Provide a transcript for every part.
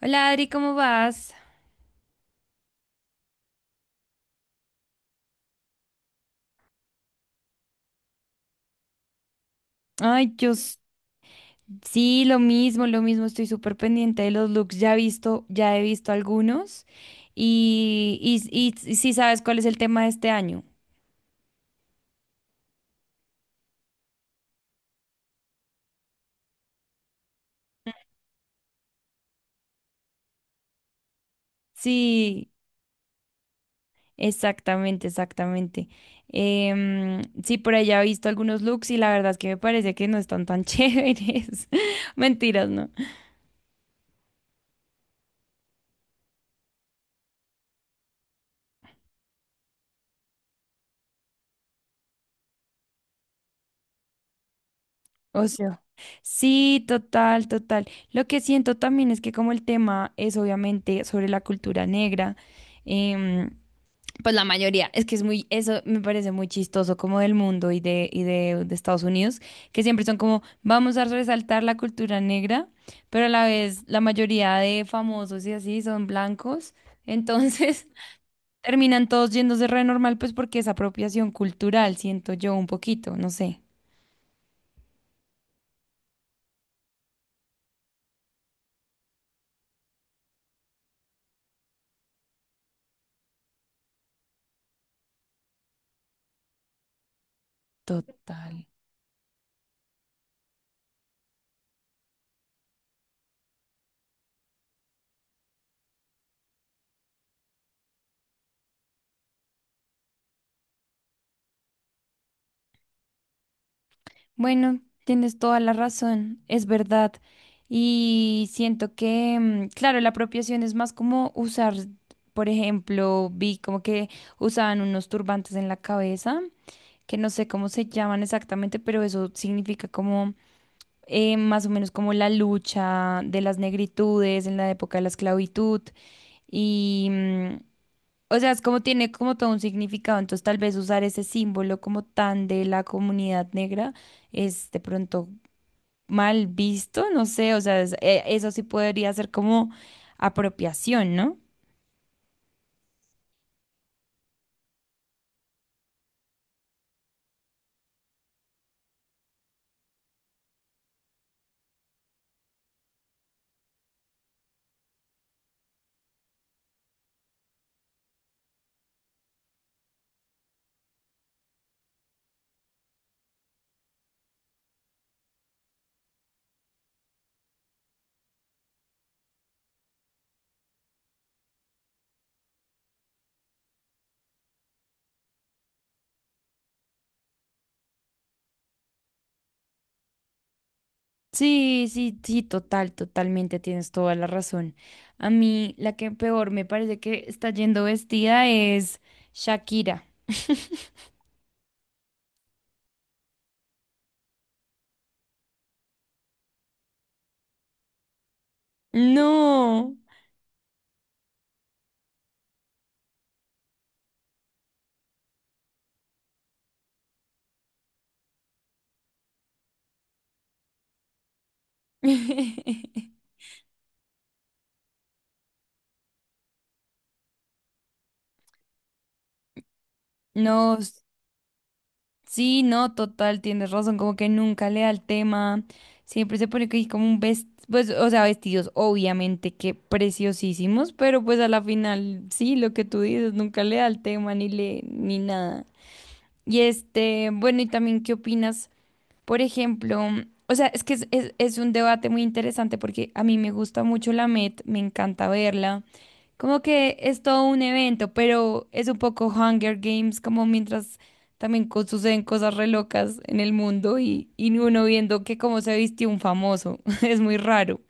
Hola Adri, ¿cómo vas? Ay, sí, lo mismo, estoy súper pendiente de los looks, ya he visto algunos y, sí sabes cuál es el tema de este año. Sí, exactamente, exactamente. Sí, por allá he visto algunos looks y la verdad es que me parece que no están tan chéveres. Mentiras, ¿no? Ocio. Sí, total, total. Lo que siento también es que como el tema es obviamente sobre la cultura negra, em, pues la mayoría, es que es muy, eso me parece muy chistoso como del mundo de Estados Unidos, que siempre son como, vamos a resaltar la cultura negra, pero a la vez la mayoría de famosos y así son blancos, entonces terminan todos yéndose re normal, pues porque es apropiación cultural, siento yo un poquito, no sé. Total. Bueno, tienes toda la razón, es verdad. Y siento que, claro, la apropiación es más como usar, por ejemplo, vi como que usaban unos turbantes en la cabeza, que no sé cómo se llaman exactamente, pero eso significa como más o menos como la lucha de las negritudes en la época de la esclavitud. Y, mm, o sea, es como tiene como todo un significado, entonces tal vez usar ese símbolo como tan de la comunidad negra es de pronto mal visto, no sé, o sea, eso sí podría ser como apropiación, ¿no? Sí, sí, sí, total, totalmente, tienes toda la razón. A mí la que peor me parece que está yendo vestida es Shakira. No. No, sí, no, total, tienes razón, como que nunca le da el tema, siempre se pone que hay como un vestido, pues, o sea, vestidos obviamente que preciosísimos, pero pues a la final, sí, lo que tú dices, nunca le da el tema ni le, ni nada. Y este, bueno, y también, ¿qué opinas? Por ejemplo, o sea, es que es un debate muy interesante porque a mí me gusta mucho la Met, me encanta verla. Como que es todo un evento, pero es un poco Hunger Games, como mientras también suceden cosas re locas en el mundo y uno viendo que cómo se vistió un famoso. Es muy raro.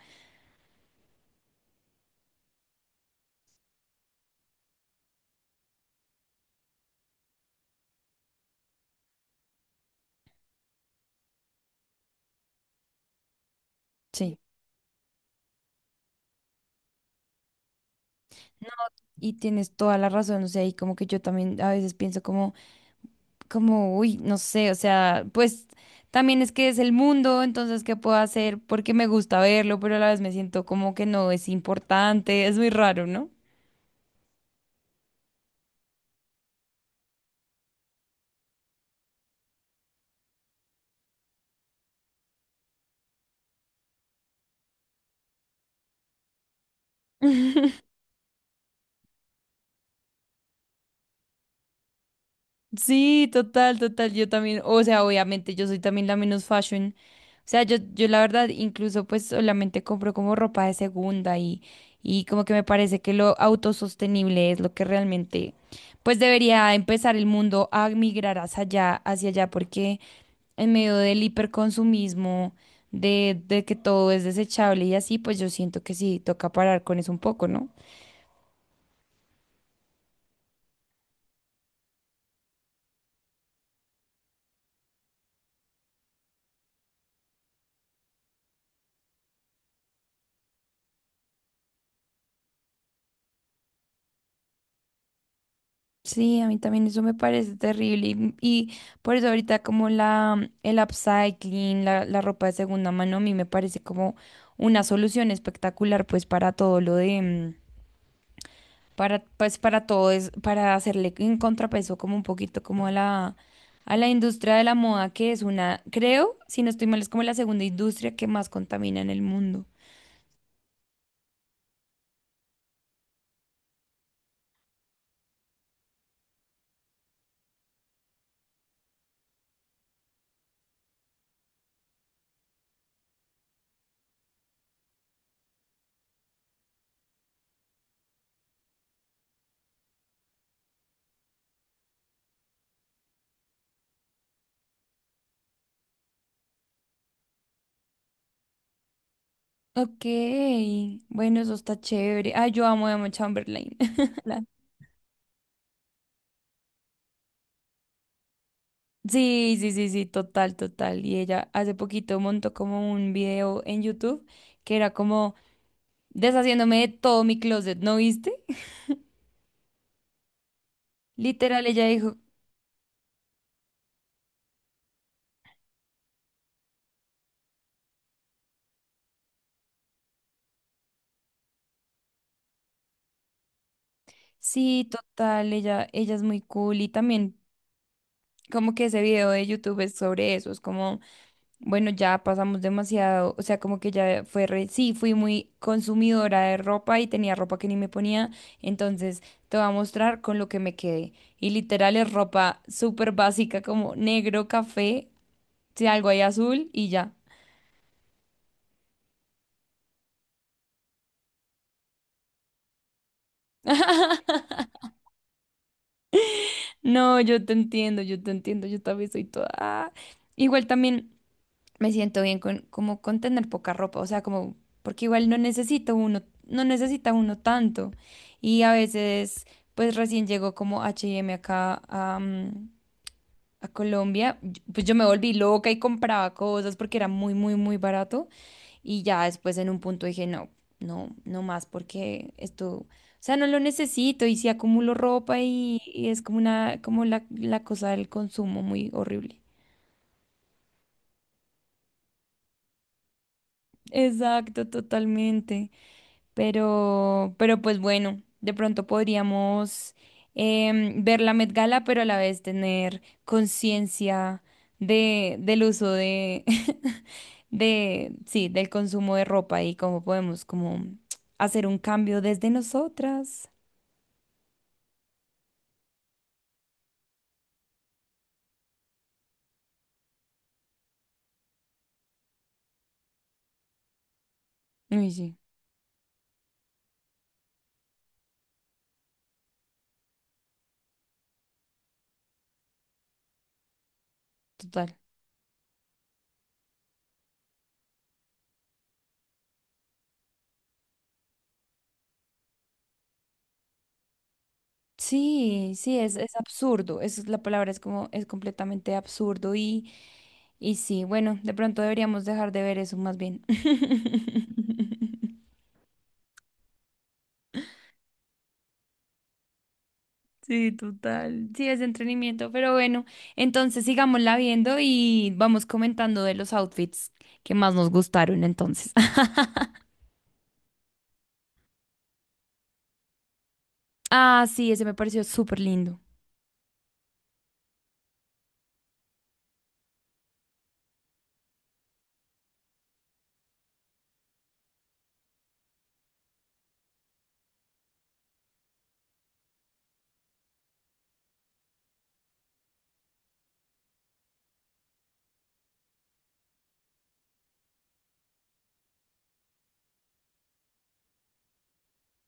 Sí. Y tienes toda la razón, o sea, y como que yo también a veces pienso uy, no sé, o sea, pues también es que es el mundo, entonces, ¿qué puedo hacer? Porque me gusta verlo, pero a la vez me siento como que no es importante, es muy raro, ¿no? Sí, total, total. Yo también, o sea, obviamente yo soy también la menos fashion. O sea, yo la verdad incluso pues solamente compro como ropa de segunda y como que me parece que lo autosostenible es lo que realmente pues debería empezar el mundo a migrar hacia allá, porque en medio del hiperconsumismo, de que todo es desechable y así, pues yo siento que sí, toca parar con eso un poco, ¿no? Sí, a mí también eso me parece terrible y por eso ahorita como el upcycling, la ropa de segunda mano, a mí me parece como una solución espectacular pues para todo lo de, mm, para, pues para todo es, para hacerle en contrapeso como un poquito como a a la industria de la moda que es una, creo, si no estoy mal, es como la segunda industria que más contamina en el mundo. Ok, bueno, eso está chévere. Ah, yo amo a Emma Chamberlain. Sí, sí, sí, sí, total, total. Y ella hace poquito montó como un video en YouTube que era como deshaciéndome de todo mi closet, ¿no viste? Literal, ella dijo, sí, total, ella es muy cool. Y también como que ese video de YouTube es sobre eso, es como, bueno, ya pasamos demasiado, o sea, como que ya fue, sí, fui muy consumidora de ropa y tenía ropa que ni me ponía, entonces te voy a mostrar con lo que me quedé. Y literal es ropa súper básica como negro, café si algo ahí azul y ya. No, yo te entiendo, yo te entiendo, yo también soy toda... ah. Igual también me siento bien con, como con tener poca ropa, o sea, como, porque igual no necesita uno, no necesita uno tanto. Y a veces, pues recién llegó como H&M acá a Colombia, y- pues yo me volví loca y compraba cosas porque era muy, muy, muy barato. Y ya después en un punto dije, no, no más porque esto, o sea, no lo necesito y si acumulo ropa y es como una, como la cosa del consumo muy horrible. Exacto, totalmente. Pero pues bueno, de pronto podríamos ver la Met Gala, pero a la vez tener conciencia del uso de, de, sí, del consumo de ropa y cómo podemos como hacer un cambio desde nosotras. Uy, sí, total. Sí, sí, es absurdo. Es, la palabra es como, es completamente absurdo y sí, bueno, de pronto deberíamos dejar de ver eso más bien. Sí, total. Sí, es de entretenimiento, pero bueno, entonces sigámosla viendo y vamos comentando de los outfits que más nos gustaron entonces. Ah, sí, ese me pareció súper lindo.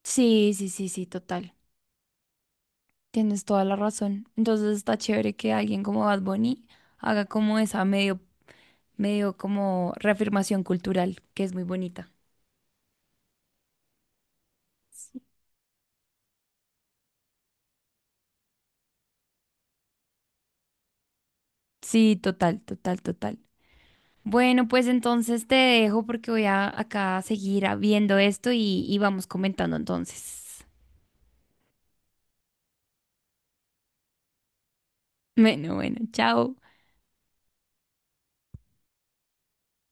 Sí, sí, sí, sí, total. Tienes toda la razón. Entonces está chévere que alguien como Bad Bunny haga como esa medio, medio como reafirmación cultural, que es muy bonita. Sí, sí, total, total, total. Bueno, pues entonces te dejo porque voy a acá a seguir viendo esto y vamos comentando entonces. Bueno, bueno, chao.